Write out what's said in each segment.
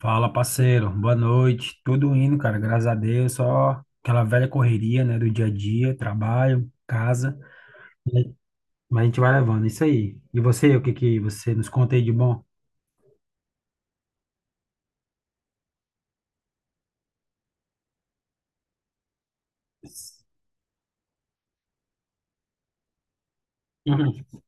Fala, parceiro. Boa noite. Tudo indo, cara. Graças a Deus. Só aquela velha correria, né? Do dia a dia, trabalho, casa. Mas a gente vai levando. Isso aí. E você, o que que você nos conta aí de bom? Uhum.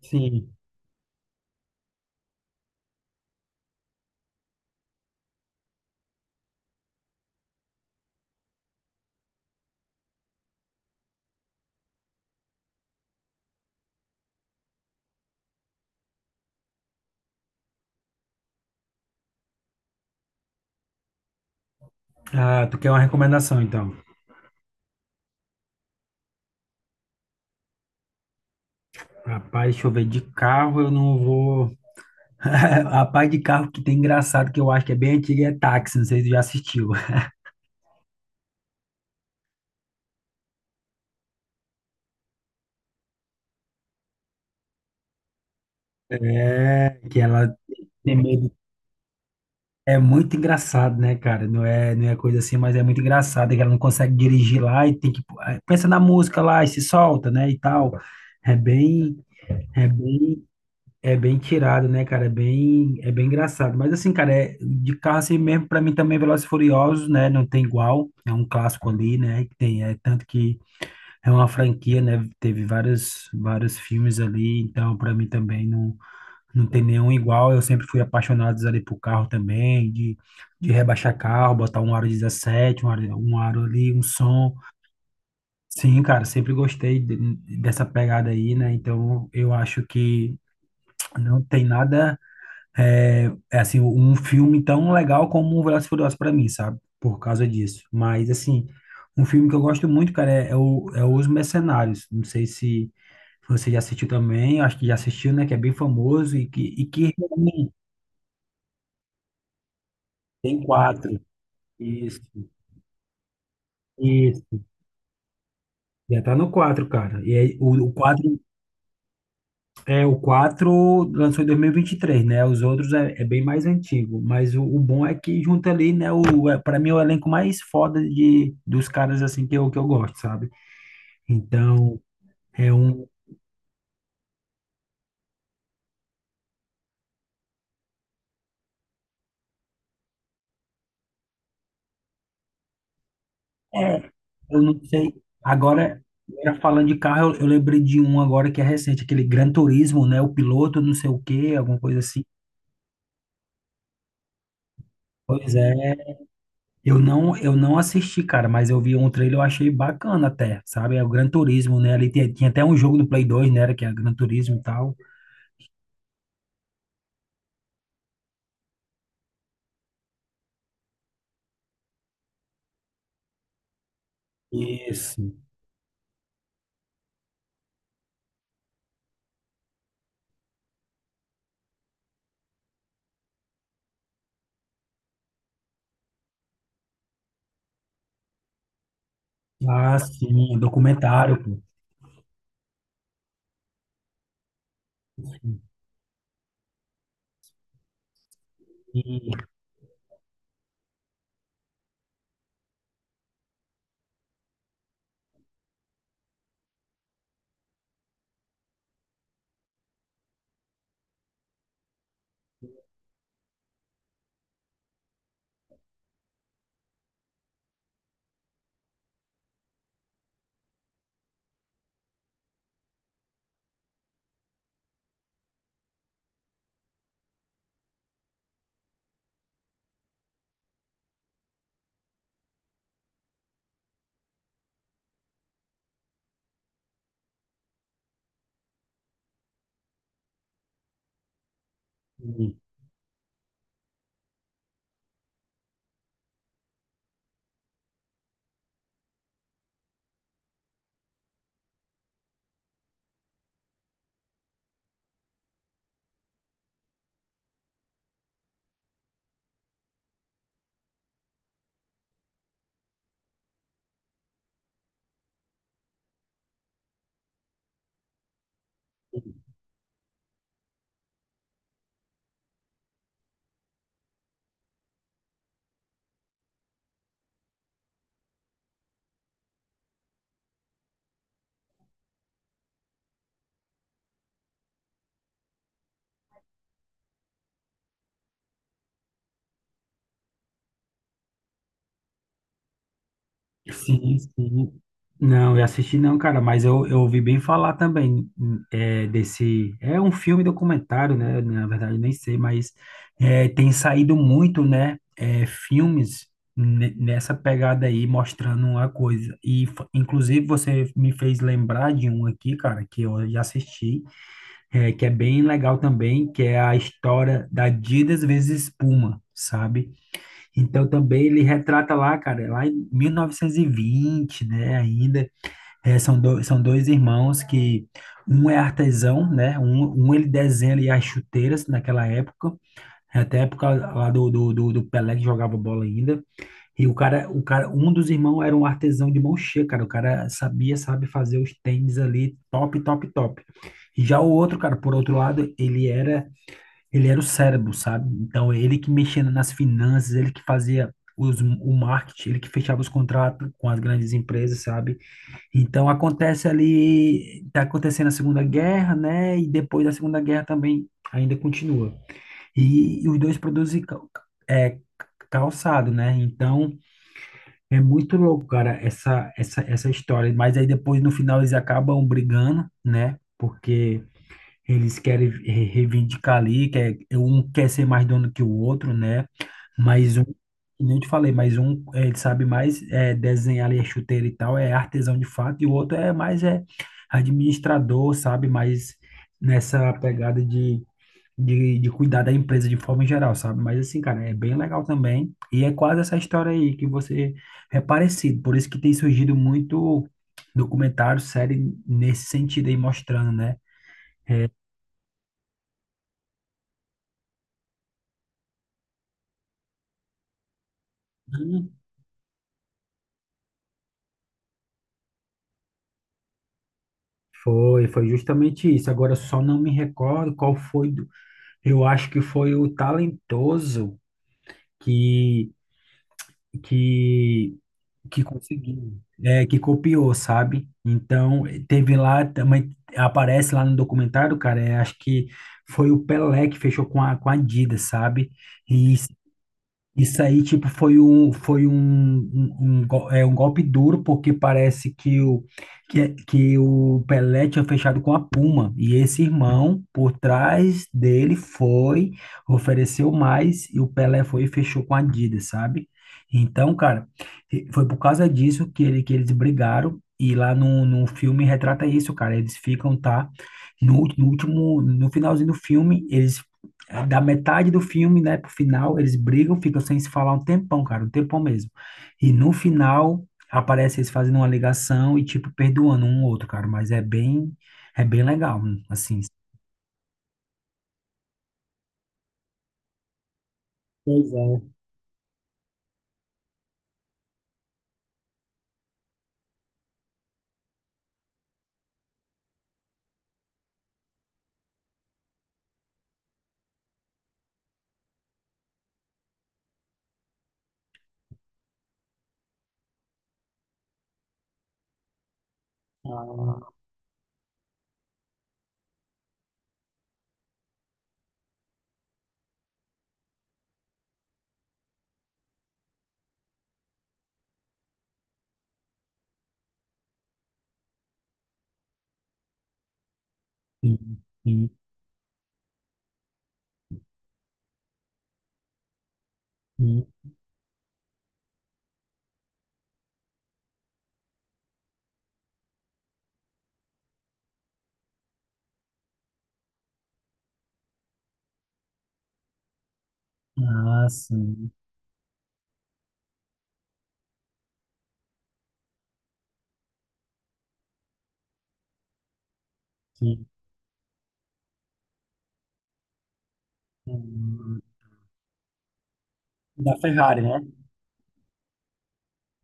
Sim. Ah, tu quer uma recomendação, então? Rapaz, deixa eu ver. De carro eu não vou. Rapaz, de carro que tem engraçado, que eu acho que é bem antigo, é táxi. Não sei se tu já assistiu. É, que ela tem medo. É muito engraçado, né, cara? Não é coisa assim, mas é muito engraçado. É que ela não consegue dirigir lá e tem que, pensa na música lá e se solta, né? E tal. É bem, é bem, é bem tirado, né, cara? É bem engraçado. Mas assim, cara, de carro assim mesmo, pra mim também é Velozes e Furiosos, né? Não tem igual. É um clássico ali, né? Que tem, é tanto que é uma franquia, né? Teve vários, vários filmes ali, então pra mim também não. Não tem nenhum igual. Eu sempre fui apaixonado ali por carro também, de rebaixar carro, botar um aro 17, um aro ali, um som. Sim, cara, sempre gostei dessa pegada aí, né? Então eu acho que não tem nada, é, assim, um filme tão legal como o Velozes e Furiosos pra mim, sabe? Por causa disso. Mas, assim, um filme que eu gosto muito, cara, é Os Mercenários. Não sei se. Você já assistiu também, acho que já assistiu, né? Que é bem famoso e que. Tem quatro. Isso, isso. Já tá no 4, cara. E aí, o 4 é o quatro lançou em dois mil e vinte e três, né? Os outros é bem mais antigo, mas o bom é que junta ali, né, para mim é o elenco mais foda de dos caras assim que eu gosto, sabe? Então, é um é, eu não sei. Agora, falando de carro, eu lembrei de um agora que é recente, aquele Gran Turismo, né? O piloto, não sei o quê, alguma coisa assim. Pois é. Eu não assisti, cara, mas eu vi um trailer, eu achei bacana até, sabe? É o Gran Turismo, né? Ali tinha até um jogo do Play 2, né? Que é Gran Turismo e tal. Isso. Ah, sim, documentário, pô. E, Sim, sim. Não, eu assisti não, cara, mas eu ouvi bem falar também, desse. É um filme documentário, né? Na verdade, nem sei, mas tem saído muito, né? Filmes nessa pegada aí, mostrando uma coisa. E, inclusive, você me fez lembrar de um aqui, cara, que eu já assisti, que é bem legal também, que é a história da Adidas vezes Puma, sabe? Então também ele retrata lá, cara, lá em 1920, né, ainda. São dois irmãos que um é artesão, né, um ele desenha ali as chuteiras naquela época, até a época lá do Pelé que jogava bola ainda. E o cara, um dos irmãos era um artesão de mão cheia, cara, o cara sabia, sabe fazer os tênis ali, top, top, top. E já o outro, cara, por outro lado, ele era o cérebro, sabe? Então, ele que mexia nas finanças, ele que fazia o marketing, ele que fechava os contratos com as grandes empresas, sabe? Então, acontece ali, tá acontecendo a Segunda Guerra, né? E depois da Segunda Guerra também ainda continua. E os dois produzem é, calçado, né? Então, é muito louco, cara, essa história. Mas aí depois, no final, eles acabam brigando, né? Porque eles querem reivindicar ali, um quer ser mais dono que o outro, né? Mas um, que nem eu te falei, mas um, ele sabe mais, desenhar ali a chuteira e tal, é artesão de fato, e o outro é mais, administrador, sabe? Mais nessa pegada de cuidar da empresa de forma geral, sabe? Mas assim, cara, é bem legal também. E é quase essa história aí que você é parecido, por isso que tem surgido muito documentário, série nesse sentido aí, mostrando, né? Foi justamente isso. Agora só não me recordo qual foi. Eu acho que foi o talentoso que que que conseguiu, que copiou, sabe? Então teve lá também aparece lá no documentário, cara. Acho que foi o Pelé que fechou com a Adidas, sabe? E isso aí, tipo, foi um, um, um go- um golpe duro, porque parece que o Pelé tinha fechado com a Puma, e esse irmão, por trás dele, ofereceu mais, e o Pelé foi e fechou com a Adidas, sabe? Então, cara, e foi por causa disso que eles brigaram, e lá no filme retrata isso, cara, eles ficam, tá? No último, no finalzinho do filme, eles. Da metade do filme, né, pro final, eles brigam, ficam sem se falar um tempão, cara, um tempão mesmo. E no final, aparece eles fazendo uma ligação e, tipo, perdoando um ao outro, cara. Mas é bem legal, assim. Pois é. Ah, sim, sim, sim. Ah, sim, sim. Hum. Da Ferrari, né?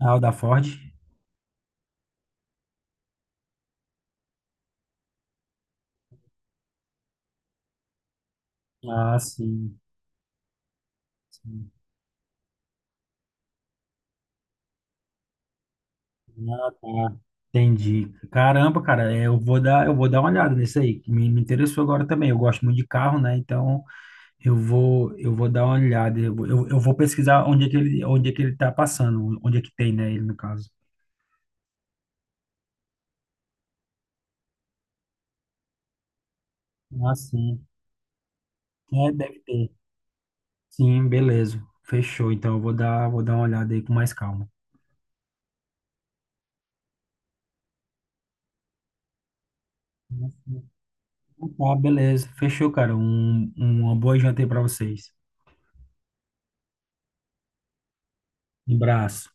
Ah, o da Ford. Ah, sim, sim. Ah, tá. Entendi. Caramba, cara, eu vou dar uma olhada nisso aí, que me interessou agora também. Eu gosto muito de carro, né? Então eu vou dar uma olhada. Eu vou pesquisar onde é que ele, tá passando, onde é que tem, né, ele no caso. Ah, sim. É, deve ter. Sim, beleza. Fechou. Então eu vou dar uma olhada aí com mais calma. Ah, tá, beleza. Fechou, cara. Uma boa janta aí pra vocês. Um abraço.